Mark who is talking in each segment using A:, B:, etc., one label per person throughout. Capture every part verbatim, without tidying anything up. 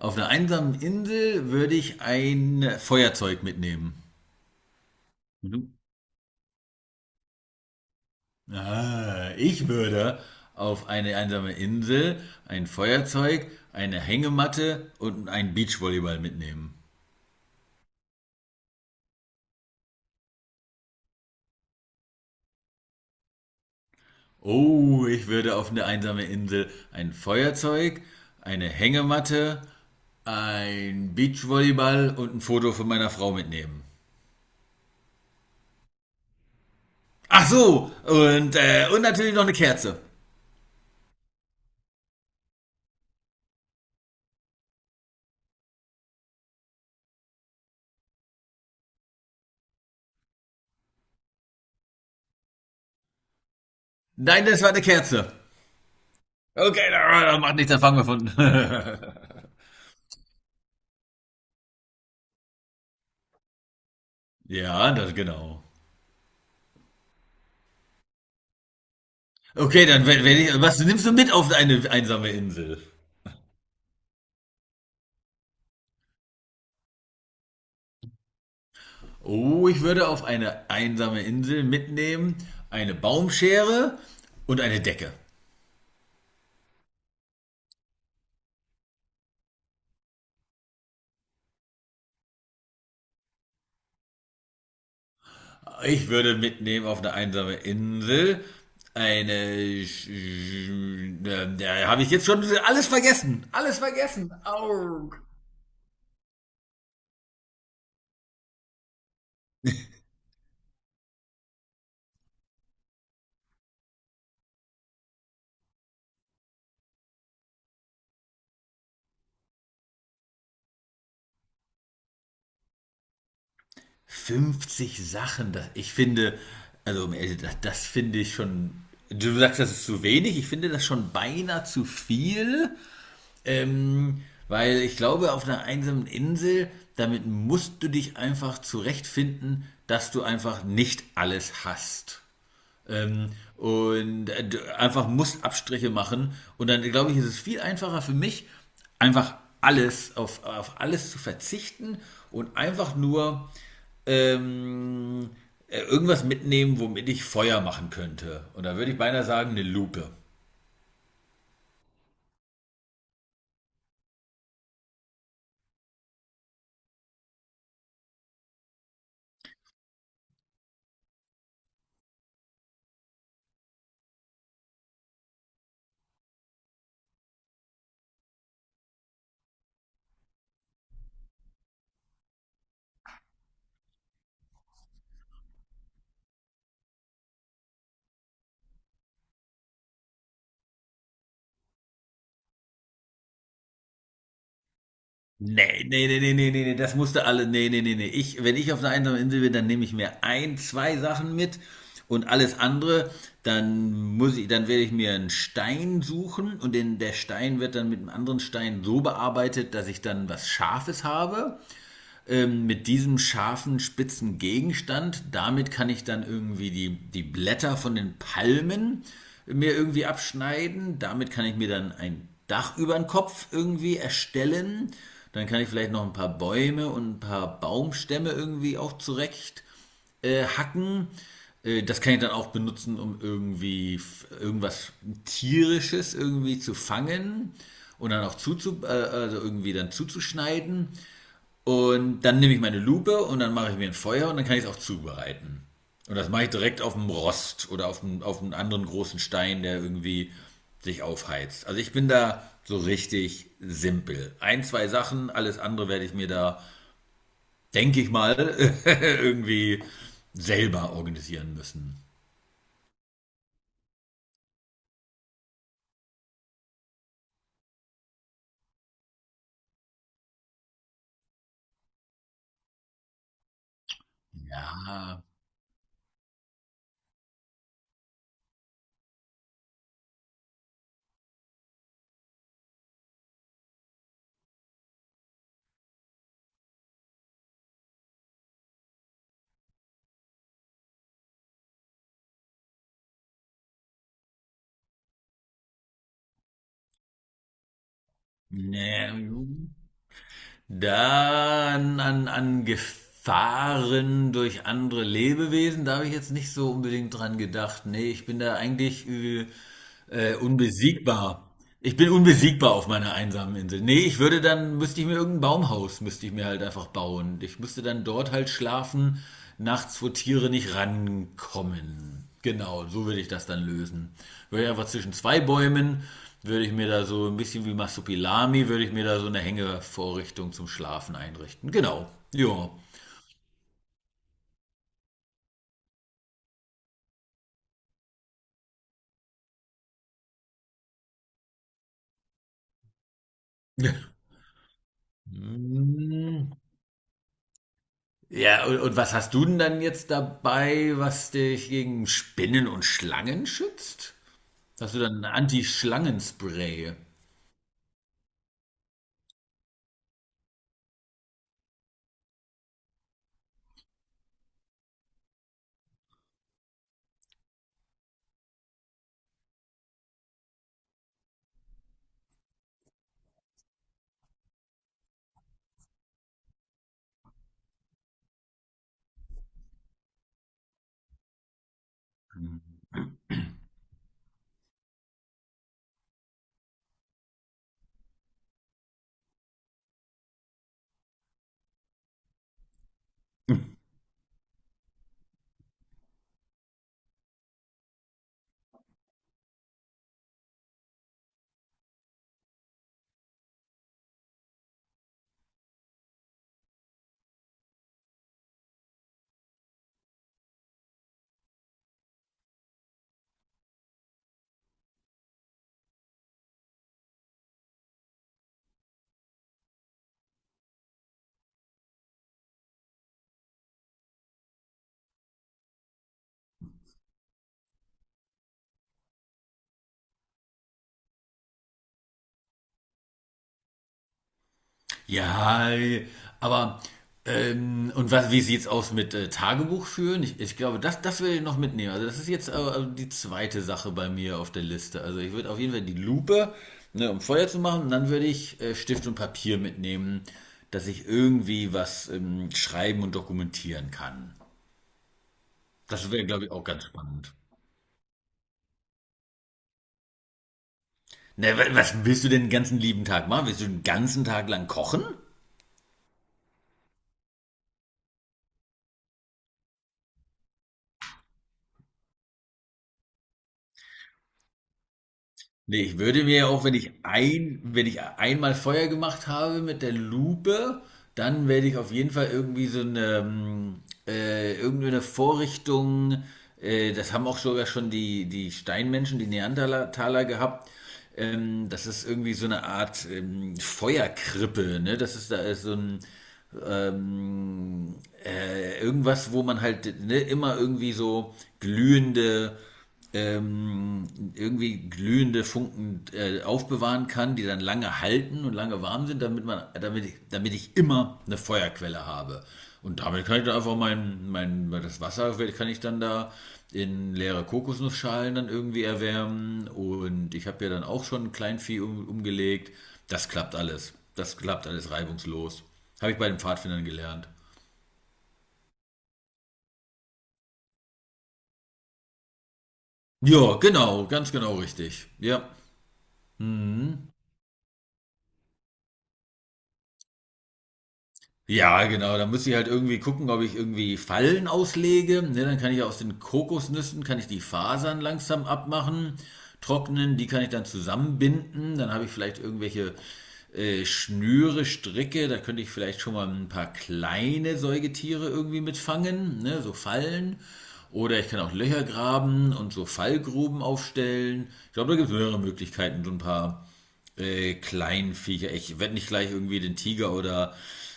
A: Auf einer einsamen Insel würde ich ein Feuerzeug mitnehmen. Mhm. Ah, ich würde auf eine einsame Insel ein Feuerzeug, eine Hängematte und einen Beachvolleyball mitnehmen. Oh, ich würde auf eine einsame Insel ein Feuerzeug, eine Hängematte, ein Beachvolleyball und ein Foto von meiner Frau mitnehmen. Ach so, und, äh, und natürlich noch eine Kerze. Nein, das war eine Kerze. Okay, dann macht nichts, dann fangen wir von. Ja, das genau. Okay, dann wenn, wenn ich, was nimmst du mit auf eine einsame Insel? Oh, ich würde auf eine einsame Insel mitnehmen eine Baumschere und eine Decke. Ich würde mitnehmen auf eine einsame Insel eine. Sch- Sch- äh, Da habe ich jetzt schon alles vergessen. Alles vergessen. Au. fünfzig Sachen, das, ich finde, also um ehrlich, das, das finde ich schon. Du sagst, das ist zu wenig. Ich finde das schon beinahe zu viel, ähm, weil ich glaube, auf einer einsamen Insel, damit musst du dich einfach zurechtfinden, dass du einfach nicht alles hast. Ähm, und äh, Einfach muss Abstriche machen. Und dann glaube ich, ist es viel einfacher für mich, einfach alles auf, auf alles zu verzichten und einfach nur ähm, äh, irgendwas mitnehmen, womit ich Feuer machen könnte. Und da würde ich beinahe sagen, eine Lupe. Ne, ne, ne, ne, ne, ne, ne, das musste alle. Ne, ne, ne, ne. Ich, wenn ich auf einer einsamen Insel bin, dann nehme ich mir ein, zwei Sachen mit und alles andere, dann muss ich, dann werde ich mir einen Stein suchen und den, der Stein wird dann mit einem anderen Stein so bearbeitet, dass ich dann was Scharfes habe, ähm, mit diesem scharfen, spitzen Gegenstand, damit kann ich dann irgendwie die, die Blätter von den Palmen mir irgendwie abschneiden, damit kann ich mir dann ein Dach über den Kopf irgendwie erstellen, dann kann ich vielleicht noch ein paar Bäume und ein paar Baumstämme irgendwie auch zurecht äh, hacken. Äh, Das kann ich dann auch benutzen, um irgendwie f- irgendwas Tierisches irgendwie zu fangen und dann auch zuzu, äh, also irgendwie dann zuzuschneiden. Und dann nehme ich meine Lupe und dann mache ich mir ein Feuer und dann kann ich es auch zubereiten. Und das mache ich direkt auf dem Rost oder auf, dem, auf einem anderen großen Stein, der irgendwie sich aufheizt. Also ich bin da so richtig simpel. Ein, zwei Sachen, alles andere werde ich mir da, denke ich mal, irgendwie selber organisieren müssen. Ja, ne, Dann an, an Gefahren durch andere Lebewesen, da habe ich jetzt nicht so unbedingt dran gedacht. Nee, ich bin da eigentlich äh, äh, unbesiegbar. Ich bin unbesiegbar auf meiner einsamen Insel. Nee, ich würde dann, Müsste ich mir irgendein Baumhaus, müsste ich mir halt einfach bauen. Ich müsste dann dort halt schlafen, nachts, wo Tiere nicht rankommen. Genau, so würde ich das dann lösen. Würde ich einfach zwischen zwei Bäumen, würde ich mir da so ein bisschen wie Masopilami, würde ich mir da so eine Hängevorrichtung zum Schlafen einrichten. Genau, ja. Ja, und, und was hast du denn dann jetzt dabei, was dich gegen Spinnen und Schlangen schützt? Hast du dann ein Anti-Schlangenspray? Ja, aber ähm, und was, wie sieht's aus mit äh, Tagebuch führen? Ich, ich glaube, das, das will ich noch mitnehmen. Also das ist jetzt äh, die zweite Sache bei mir auf der Liste. Also ich würde auf jeden Fall die Lupe, ne, um Feuer zu machen, und dann würde ich äh, Stift und Papier mitnehmen, dass ich irgendwie was ähm, schreiben und dokumentieren kann. Das wäre, glaube ich, auch ganz spannend. Na, wa- was willst du denn den ganzen lieben Tag machen? Willst du den ganzen Tag lang kochen? Nee, ich würde mir ja auch, wenn ich ein, wenn ich einmal Feuer gemacht habe mit der Lupe, dann werde ich auf jeden Fall irgendwie so eine, ähm, äh, irgendeine Vorrichtung, äh, das haben auch sogar schon die, die Steinmenschen, die Neandertaler gehabt, ähm, das ist irgendwie so eine Art, ähm, Feuerkrippe, ne? Das ist da ist so ein, ähm, äh, irgendwas, wo man halt, ne, immer irgendwie so glühende, ähm, irgendwie glühende Funken äh, aufbewahren kann, die dann lange halten und lange warm sind, damit man, damit ich, damit ich immer eine Feuerquelle habe. Und damit kann ich dann einfach mein, mein, das Wasser kann ich dann da in leere Kokosnussschalen dann irgendwie erwärmen. Und ich habe ja dann auch schon ein Kleinvieh um, umgelegt. Das klappt alles. Das klappt alles reibungslos. Habe ich bei den Pfadfindern gelernt. Ja, genau, ganz genau richtig. Ja. Mhm. Ja, genau. Da muss ich halt irgendwie gucken, ob ich irgendwie Fallen auslege. Ne, dann kann ich aus den Kokosnüssen, kann ich die Fasern langsam abmachen, trocknen, die kann ich dann zusammenbinden. Dann habe ich vielleicht irgendwelche äh, Schnüre, Stricke. Da könnte ich vielleicht schon mal ein paar kleine Säugetiere irgendwie mitfangen, ne, so Fallen. Oder ich kann auch Löcher graben und so Fallgruben aufstellen. Ich glaube, da gibt es mehrere Möglichkeiten, so ein paar äh, kleinen Viecher. Ich werde nicht gleich irgendwie den Tiger oder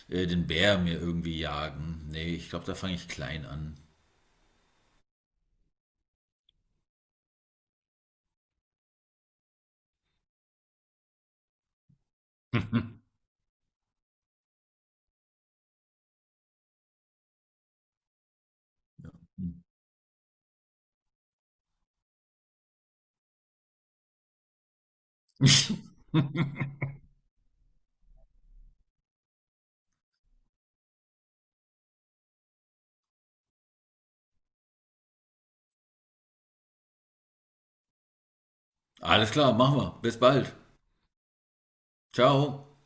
A: äh, den Bär mir irgendwie jagen. Nee, ich glaube, da fange ich klein an. Alles klar, machen wir. Bis bald. Ciao.